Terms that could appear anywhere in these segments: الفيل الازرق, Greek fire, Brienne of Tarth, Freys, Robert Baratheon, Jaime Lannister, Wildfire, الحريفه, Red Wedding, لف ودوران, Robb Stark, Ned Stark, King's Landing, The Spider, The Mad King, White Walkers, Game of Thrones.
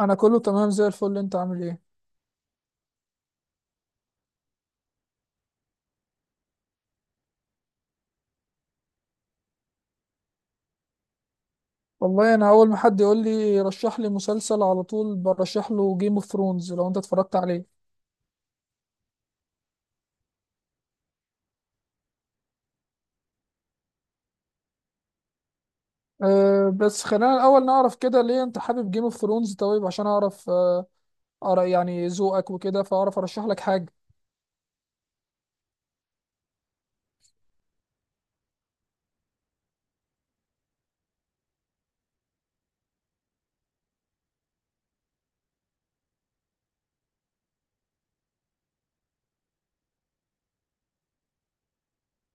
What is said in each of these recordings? انا كله تمام زي الفل، انت عامل ايه؟ والله انا اول ما حد يقول لي رشح لي مسلسل، على طول برشح له جيم اوف ثرونز. لو انت اتفرجت عليه. أه بس خلينا الاول نعرف كده ليه انت حابب جيم اوف ثرونز، طيب عشان اعرف يعني ذوقك وكده، فاعرف ارشح لك حاجه.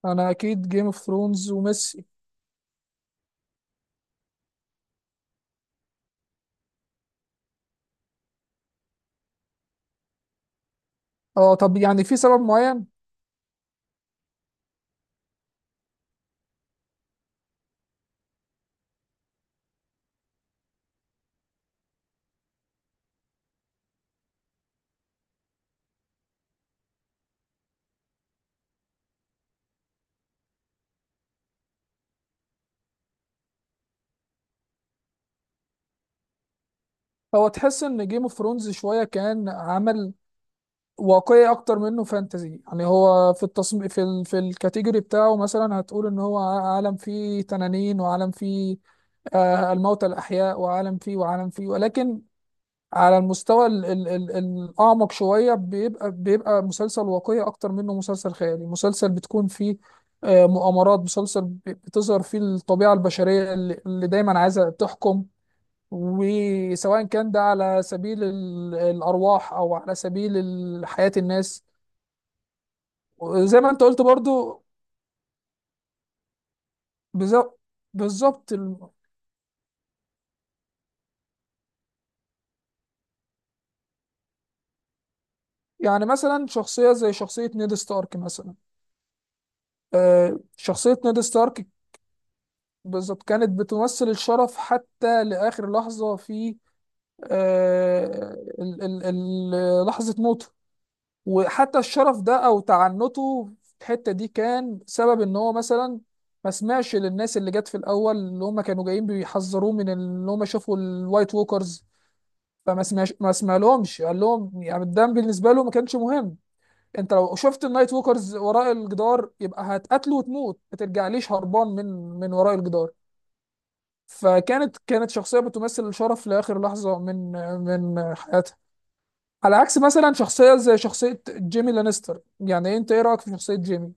انا اكيد جيم اوف ثرونز وميسي. اه طب يعني في سبب معين؟ هو تحس ان جيم اوف ثرونز شويه كان عمل واقعي اكتر منه فانتزي؟ يعني هو في التصميم، في الكاتيجوري بتاعه، مثلا هتقول ان هو عالم فيه تنانين، وعالم فيه آه الموتى الاحياء، وعالم فيه ولكن على المستوى الاعمق شويه، بيبقى مسلسل واقعي اكتر منه مسلسل خيالي. مسلسل بتكون فيه آه مؤامرات، مسلسل بتظهر فيه الطبيعه البشريه اللي دايما عايزه تحكم، وسواء كان ده على سبيل الأرواح أو على سبيل حياة الناس. وزي ما انت قلت برضو. بز- بالظبط الم- يعني مثلا شخصية زي شخصية نيد ستارك مثلا. شخصية نيد ستارك بالظبط كانت بتمثل الشرف حتى لآخر لحظة في آه، ال- ال- لحظة موته. وحتى الشرف ده أو تعنته في الحتة دي كان سبب إن هو مثلا ما سمعش للناس اللي جت في الأول، اللي هم كانوا جايين بيحذروه من اللي هم شافوا الوايت ووكرز. فما سمعش ما سمع لهمش، قال لهم يعني الدم بالنسبه له ما كانش مهم. انت لو شفت النايت ووكرز وراء الجدار يبقى هتقتله وتموت، ما ترجعليش هربان من من وراء الجدار. كانت شخصيه بتمثل الشرف لاخر لحظه من من حياتها. على عكس مثلا شخصيه زي شخصيه جيمي لانستر، يعني انت ايه رايك في شخصيه جيمي؟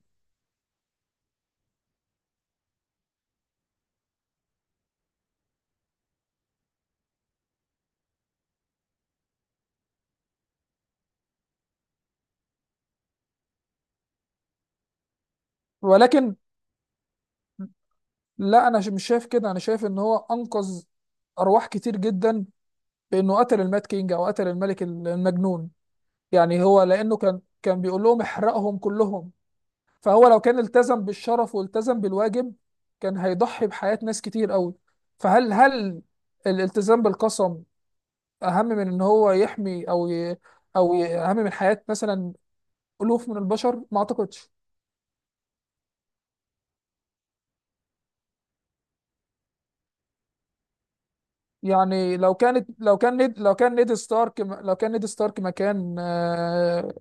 ولكن لا، انا مش شايف كده. انا شايف ان هو انقذ ارواح كتير جدا بانه قتل المات كينج او قتل الملك المجنون. يعني هو لانه كان بيقول لهم احرقهم كلهم. فهو لو كان التزم بالشرف والتزم بالواجب كان هيضحي بحياة ناس كتير قوي. هل الالتزام بالقسم اهم من ان هو يحمي او او اهم من حياة مثلا الوف من البشر؟ ما اعتقدش. يعني لو كان نيد ستارك مكان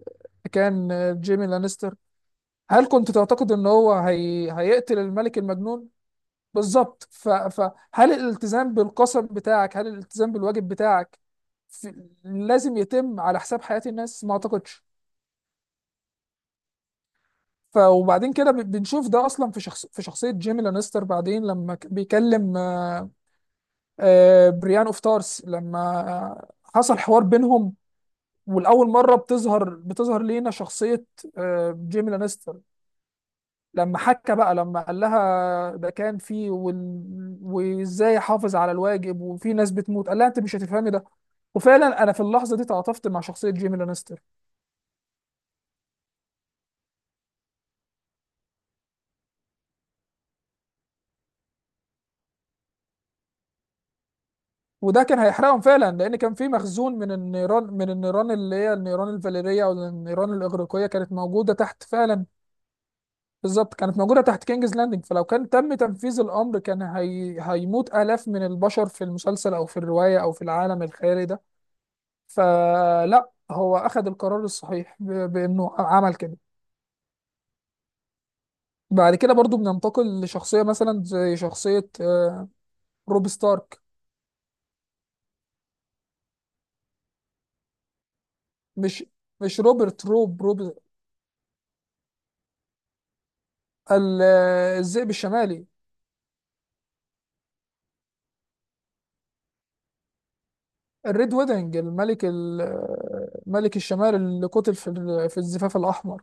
كان جيمي لانستر، هل كنت تعتقد ان هو هيقتل الملك المجنون؟ بالظبط. فهل الالتزام بالقسم بتاعك، هل الالتزام بالواجب بتاعك لازم يتم على حساب حياة الناس؟ ما اعتقدش. ف وبعدين كده بنشوف ده اصلا في شخص في شخصية جيمي لانستر بعدين لما بيكلم بريان اوف تارس. لما آه، حصل حوار بينهم، والأول مرة بتظهر لينا شخصية جيمي لانستر، لما حكى بقى، لما قال لها ده كان في وازاي احافظ على الواجب وفي ناس بتموت، قال لها انت مش هتفهمي ده. وفعلا انا في اللحظه دي تعاطفت مع شخصيه جيمي لانستر. وده كان هيحرقهم فعلا، لان كان في مخزون من النيران، من النيران اللي هي النيران الفاليريه او النيران الاغريقيه، كانت موجوده تحت فعلا. بالظبط كانت موجوده تحت كينجز لاندنج، فلو كان تم تنفيذ الامر كان هيموت الاف من البشر في المسلسل او في الروايه او في العالم الخيالي ده. فلا هو اخذ القرار الصحيح بانه عمل كده. بعد كده برضو بننتقل لشخصية مثلا زي شخصية روب ستارك. مش مش روبرت، روب، الذئب الشمالي، الريد ويدنج، الملك ملك الشمال اللي قتل في في الزفاف الأحمر.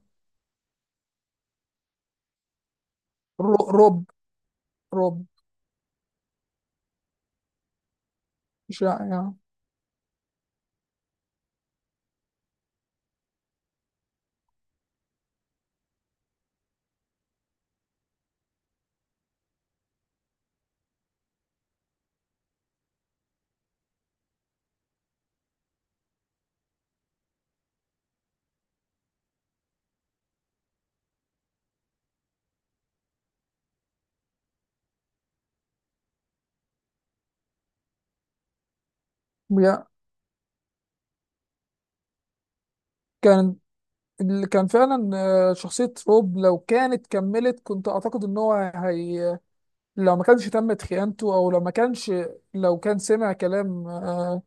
رو- روب روب. مش يعني. يا- كان اللي كان فعلا شخصية روب، لو كانت كملت كنت أعتقد إن هو لو ما كانش تمت خيانته، او لو ما كانش لو كان سمع كلام آه،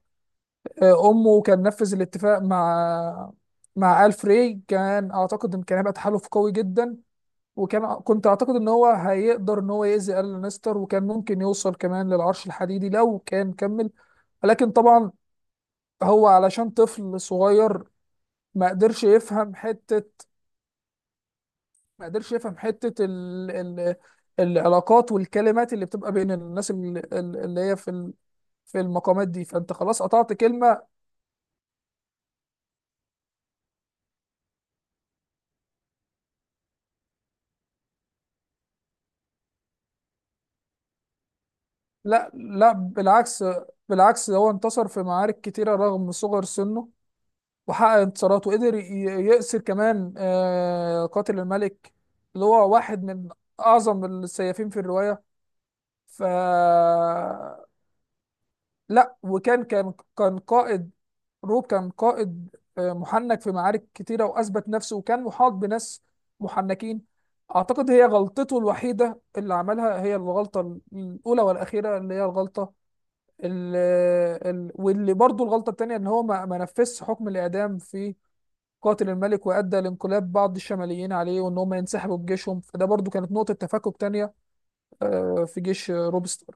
آه، امه، كان نفذ الاتفاق مع مع الفري، كان اعتقد ان كان هيبقى تحالف قوي جدا. وكان اعتقد ان هو هيقدر ان هو يأذي ال لانستر، وكان ممكن يوصل كمان للعرش الحديدي لو كان كمل. لكن طبعا هو علشان طفل صغير ما قدرش يفهم حتة. ما قدرش يفهم حتة العلاقات والكلمات اللي بتبقى بين الناس اللي هي في في المقامات دي، فانت خلاص قطعت كلمة. لا لا، بالعكس. بالعكس هو انتصر في معارك كتيرة رغم صغر سنه، وحقق انتصارات، وقدر يأسر كمان قاتل الملك، اللي هو واحد من أعظم السيافين في الرواية. ف لا، وكان كان كان قائد. روب كان قائد محنك في معارك كتيرة، وأثبت نفسه، وكان محاط بناس محنكين. أعتقد هي غلطته الوحيدة اللي عملها هي الغلطة الأولى والأخيرة، اللي هي الغلطة ال- واللي برضو الغلطة التانية إن هو ما نفذش حكم الإعدام في قاتل الملك، وأدى لانقلاب بعض الشماليين عليه وإن هم ينسحبوا بجيشهم، فده برضو كانت نقطة تفكك تانية في جيش روب ستار.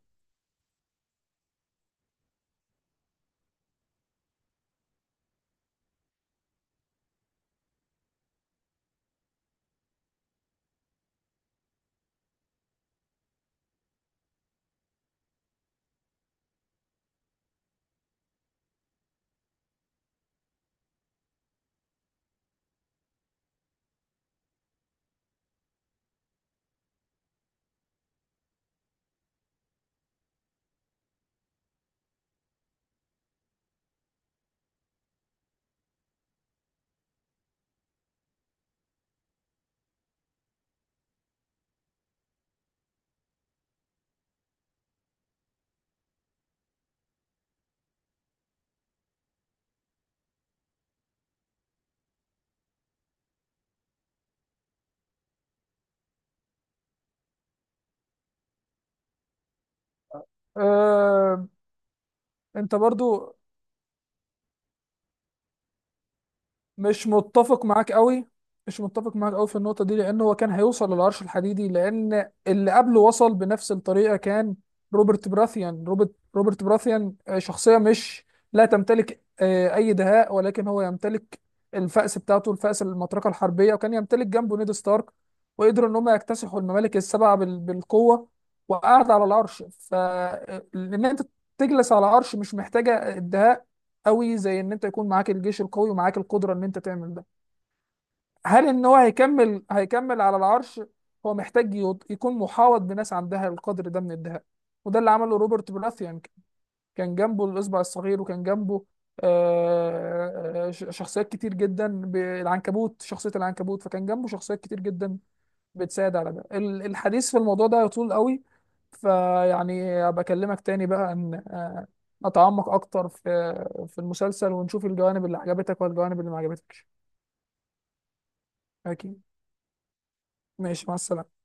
آه، أنت برضو مش متفق معاك قوي. مش متفق معاك قوي في النقطة دي، لأن هو كان هيوصل للعرش الحديدي، لأن اللي قبله وصل بنفس الطريقة، كان روبرت براثيان. روبرت براثيان شخصية مش لا تمتلك أي دهاء، ولكن هو يمتلك الفأس بتاعته، الفأس المطرقة الحربية، وكان يمتلك جنبه نيد ستارك، وقدروا إن هم يكتسحوا الممالك السبعة بالقوة، وقعد على العرش. فإن أنت تجلس على عرش مش محتاجة الدهاء قوي، زي ان انت يكون معاك الجيش القوي ومعاك القدره ان انت تعمل ده. هل ان هو هيكمل على العرش؟ هو محتاج يكون محاوط بناس عندها القدر ده من الدهاء، وده اللي عمله روبرت براثيان. كان جنبه الاصبع الصغير، وكان جنبه شخصيات كتير جدا، العنكبوت، شخصيه العنكبوت، فكان جنبه شخصيات كتير جدا بتساعد على ده. الحديث في الموضوع ده يطول قوي، فيعني ابقى اكلمك تاني بقى ان نتعمق اكتر في في المسلسل، ونشوف الجوانب اللي عجبتك والجوانب اللي ما عجبتكش. اكيد. ماشي، مع السلامة.